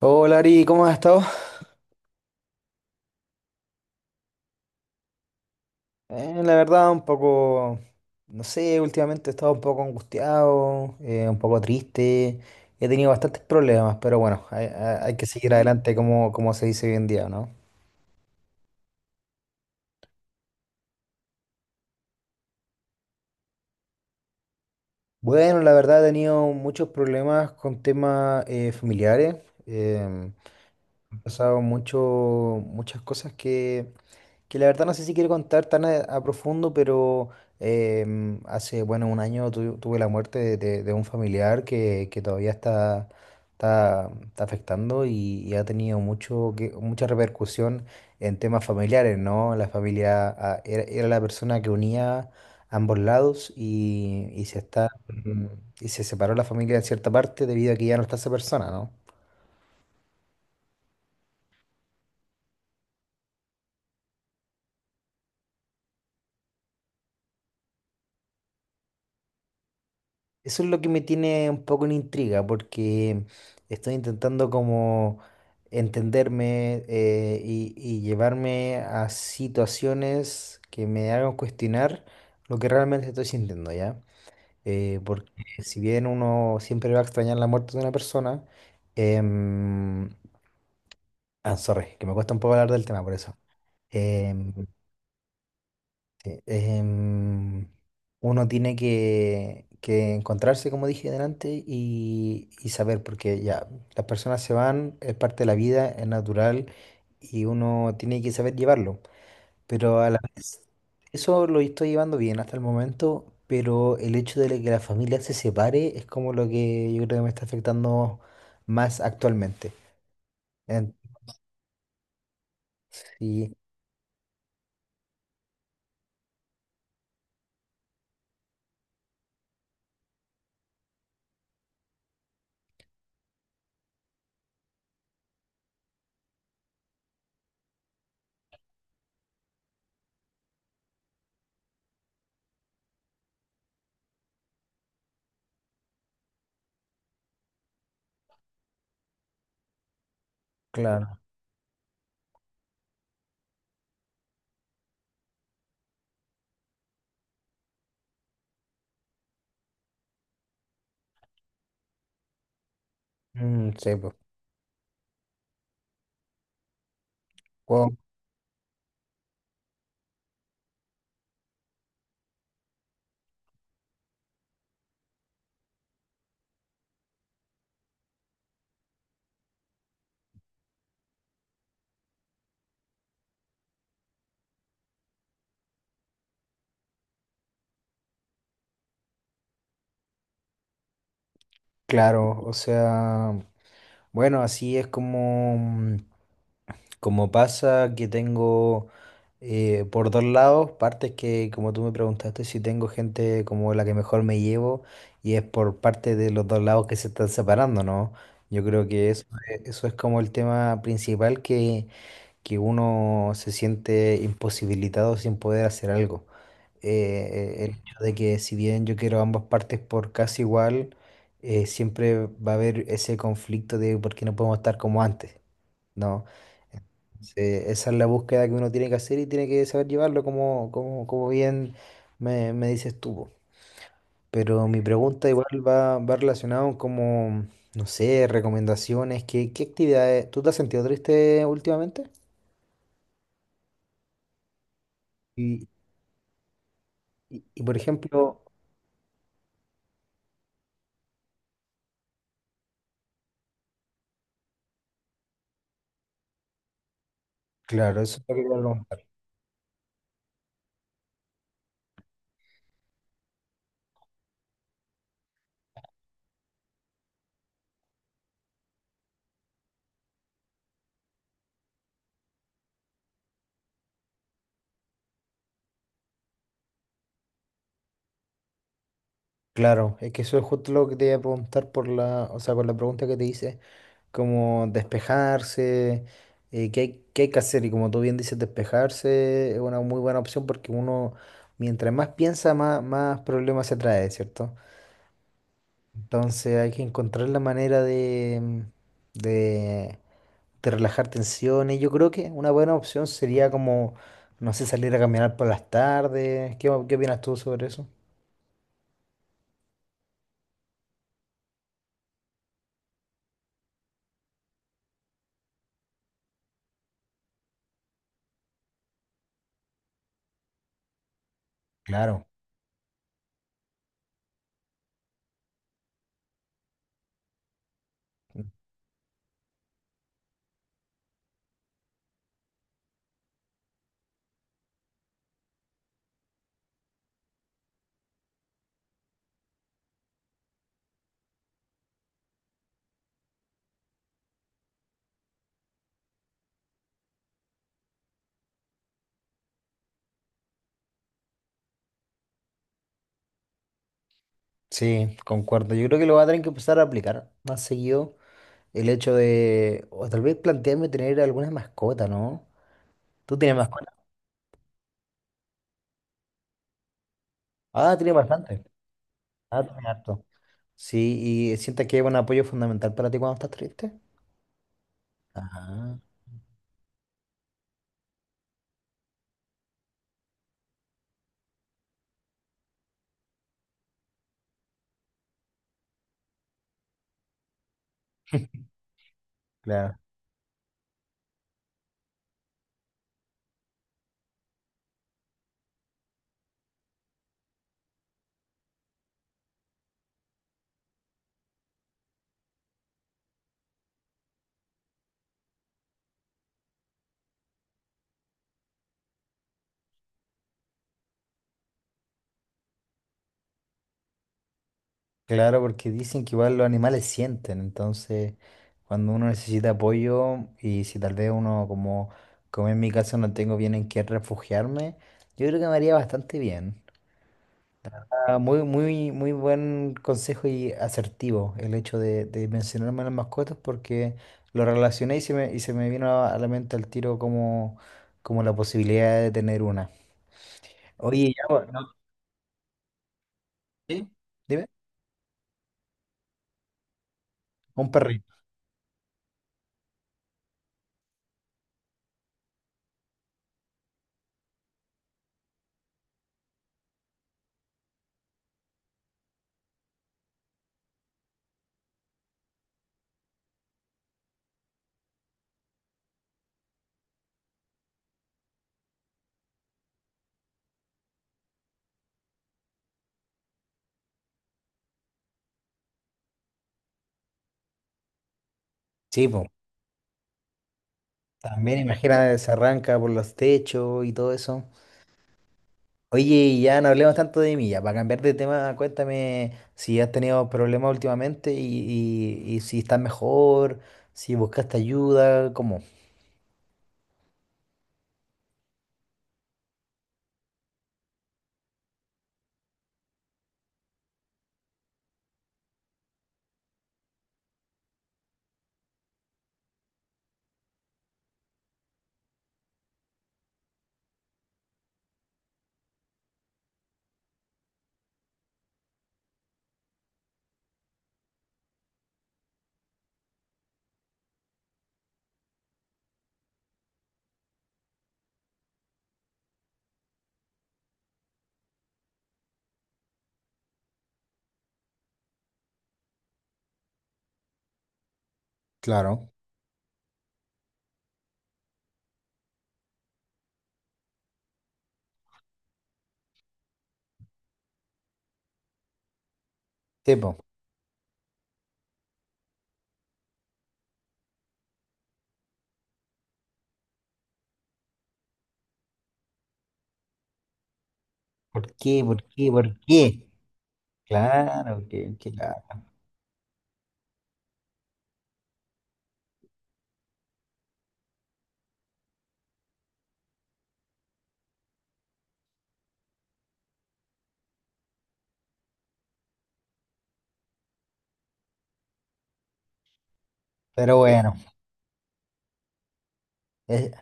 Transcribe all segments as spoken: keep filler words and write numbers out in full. Hola Ari, ¿cómo has estado? Eh, la verdad, un poco, no sé, últimamente he estado un poco angustiado, eh, un poco triste, he tenido bastantes problemas, pero bueno, hay, hay- hay que seguir adelante como, como se dice hoy en día, ¿no? Bueno, la verdad he tenido muchos problemas con temas eh, familiares. em, Han pasado mucho, muchas cosas que que la verdad no sé si quiero contar tan a, a profundo, pero em, hace, bueno, un año tu- tuve la muerte de, de- de un familiar que, que todavía está, está, está afectando y, y ha tenido mucho, que, mucha repercusión en temas familiares, ¿no? La familia ah, era, era la persona que unía ambos lados y, y se está, mm, y se separó la familia en cierta parte debido a que ya no está esa persona, ¿no? Eso es lo que me tiene un poco en intriga, porque estoy intentando como entenderme, eh, y, y llevarme a situaciones que me hagan cuestionar lo que realmente estoy sintiendo, ¿ya? Eh, porque si bien uno siempre va a extrañar la muerte de una persona, em, ah, sorry, que me cuesta un poco hablar del tema por eso. Em, Sí, em, uno tiene que, que encontrarse, como dije delante, y, y saber, porque ya, las personas se van, es parte de la vida, es natural, y uno tiene que saber llevarlo. Pero a la vez, eso lo estoy llevando bien hasta el momento, pero el hecho de que la familia se separe es como lo que yo creo que me está afectando más actualmente. En- sí, claro. Mm, sí, pues, bueno, claro, o sea... Bueno, así es como, mm, como pasa que tengo eh, por dos lados, partes que como tú me preguntaste si tengo gente como la que mejor me llevo, y es por parte de los dos lados que se están separando, ¿no? Yo creo que eso, e- eso es como el tema principal que que uno se siente imposibilitado sin poder hacer algo. Eh, eh, el hecho de que si bien yo quiero ambas partes por casi igual, eh, siempre va a haber ese conflicto de por qué no podemos estar como antes, ¿no? Entonces, esa es la búsqueda que uno tiene que hacer y tiene que saber llevarlo como, como, como bien me, me dices tú. Po. Pero mi pregunta igual va, va relacionado como, no sé, recomendaciones, ¿qué, qué actividades? ¿Tú te has sentido triste últimamente? Y, y, por ejemplo, claro, eso es lo que te iba a preguntar. Claro, es que eso es justo lo que te iba a preguntar por la, o sea, con la pregunta que te hice, como despejarse, eh, qué hay, qué hay que hacer. Y como tú bien dices, despejarse es una muy buena opción porque uno, mientras más piensa, más, más problemas se trae, ¿cierto? Entonces hay que encontrar la manera de, mm, de, de relajar tensiones. Yo creo que una buena opción sería como, no sé, salir a caminar por las tardes. ¿Qué, qué opinas tú sobre eso? Claro, sí, concuerdo. Yo creo que lo voy a tener que empezar a aplicar más seguido el hecho de, o tal vez plantearme tener alguna mascota, ¿no? ¿Tú tienes mascota? Ah, tienes bastante. Ah, tienes harto. Sí, ¿y sientes que es un apoyo fundamental para ti cuando estás triste? Ajá, claro. Claro, porque dicen que igual los animales sienten, entonces cuando uno necesita apoyo y si tal vez uno como, como en mi caso no tengo bien en qué refugiarme, yo creo que me haría bastante bien. Ah, muy, muy, muy buen consejo y asertivo el hecho de, de mencionarme a las mascotas, porque lo relacioné y se me, y se me vino a la mente al tiro como, como la posibilidad de tener una. Oye, ya, pues, ¿no? ¿Sí? Dime, un perrito. Sí, pues, también imagina, se arranca por los techos y todo eso. Oye, y ya no hablemos tanto de mí, ya, para cambiar de tema, cuéntame si has tenido problemas últimamente y, y, y si estás mejor, si buscaste ayuda, ¿cómo? Claro. Sí, po. ¿Por qué? ¿Por qué? Claro, ¿por qué? Claro, que, que claro. Pero bueno, es-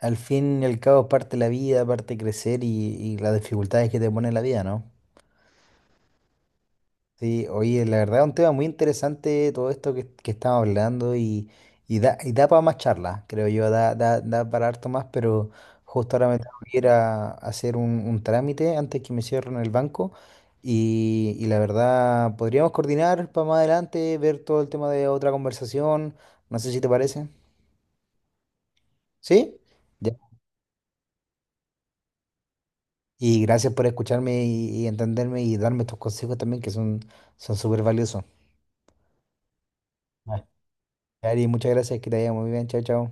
al fin y al cabo, parte de la vida, parte crecer y, y las dificultades que te pone la vida, ¿no? Sí, oye, la verdad es un tema muy interesante todo esto que, que estamos hablando, y, y da, y da para más charlas, creo yo, da, da, da para harto más, pero justo ahora me tengo que ir a, a hacer un, un trámite antes que me cierren el banco, y, y la verdad podríamos coordinar para más adelante, ver todo el tema de otra conversación, no sé si te parece. ¿Sí? Ya. Y gracias por escucharme y, y entenderme y darme estos consejos también que son son súper valiosos. Ah, Ari, muchas gracias, que te vaya muy bien, chao, chao.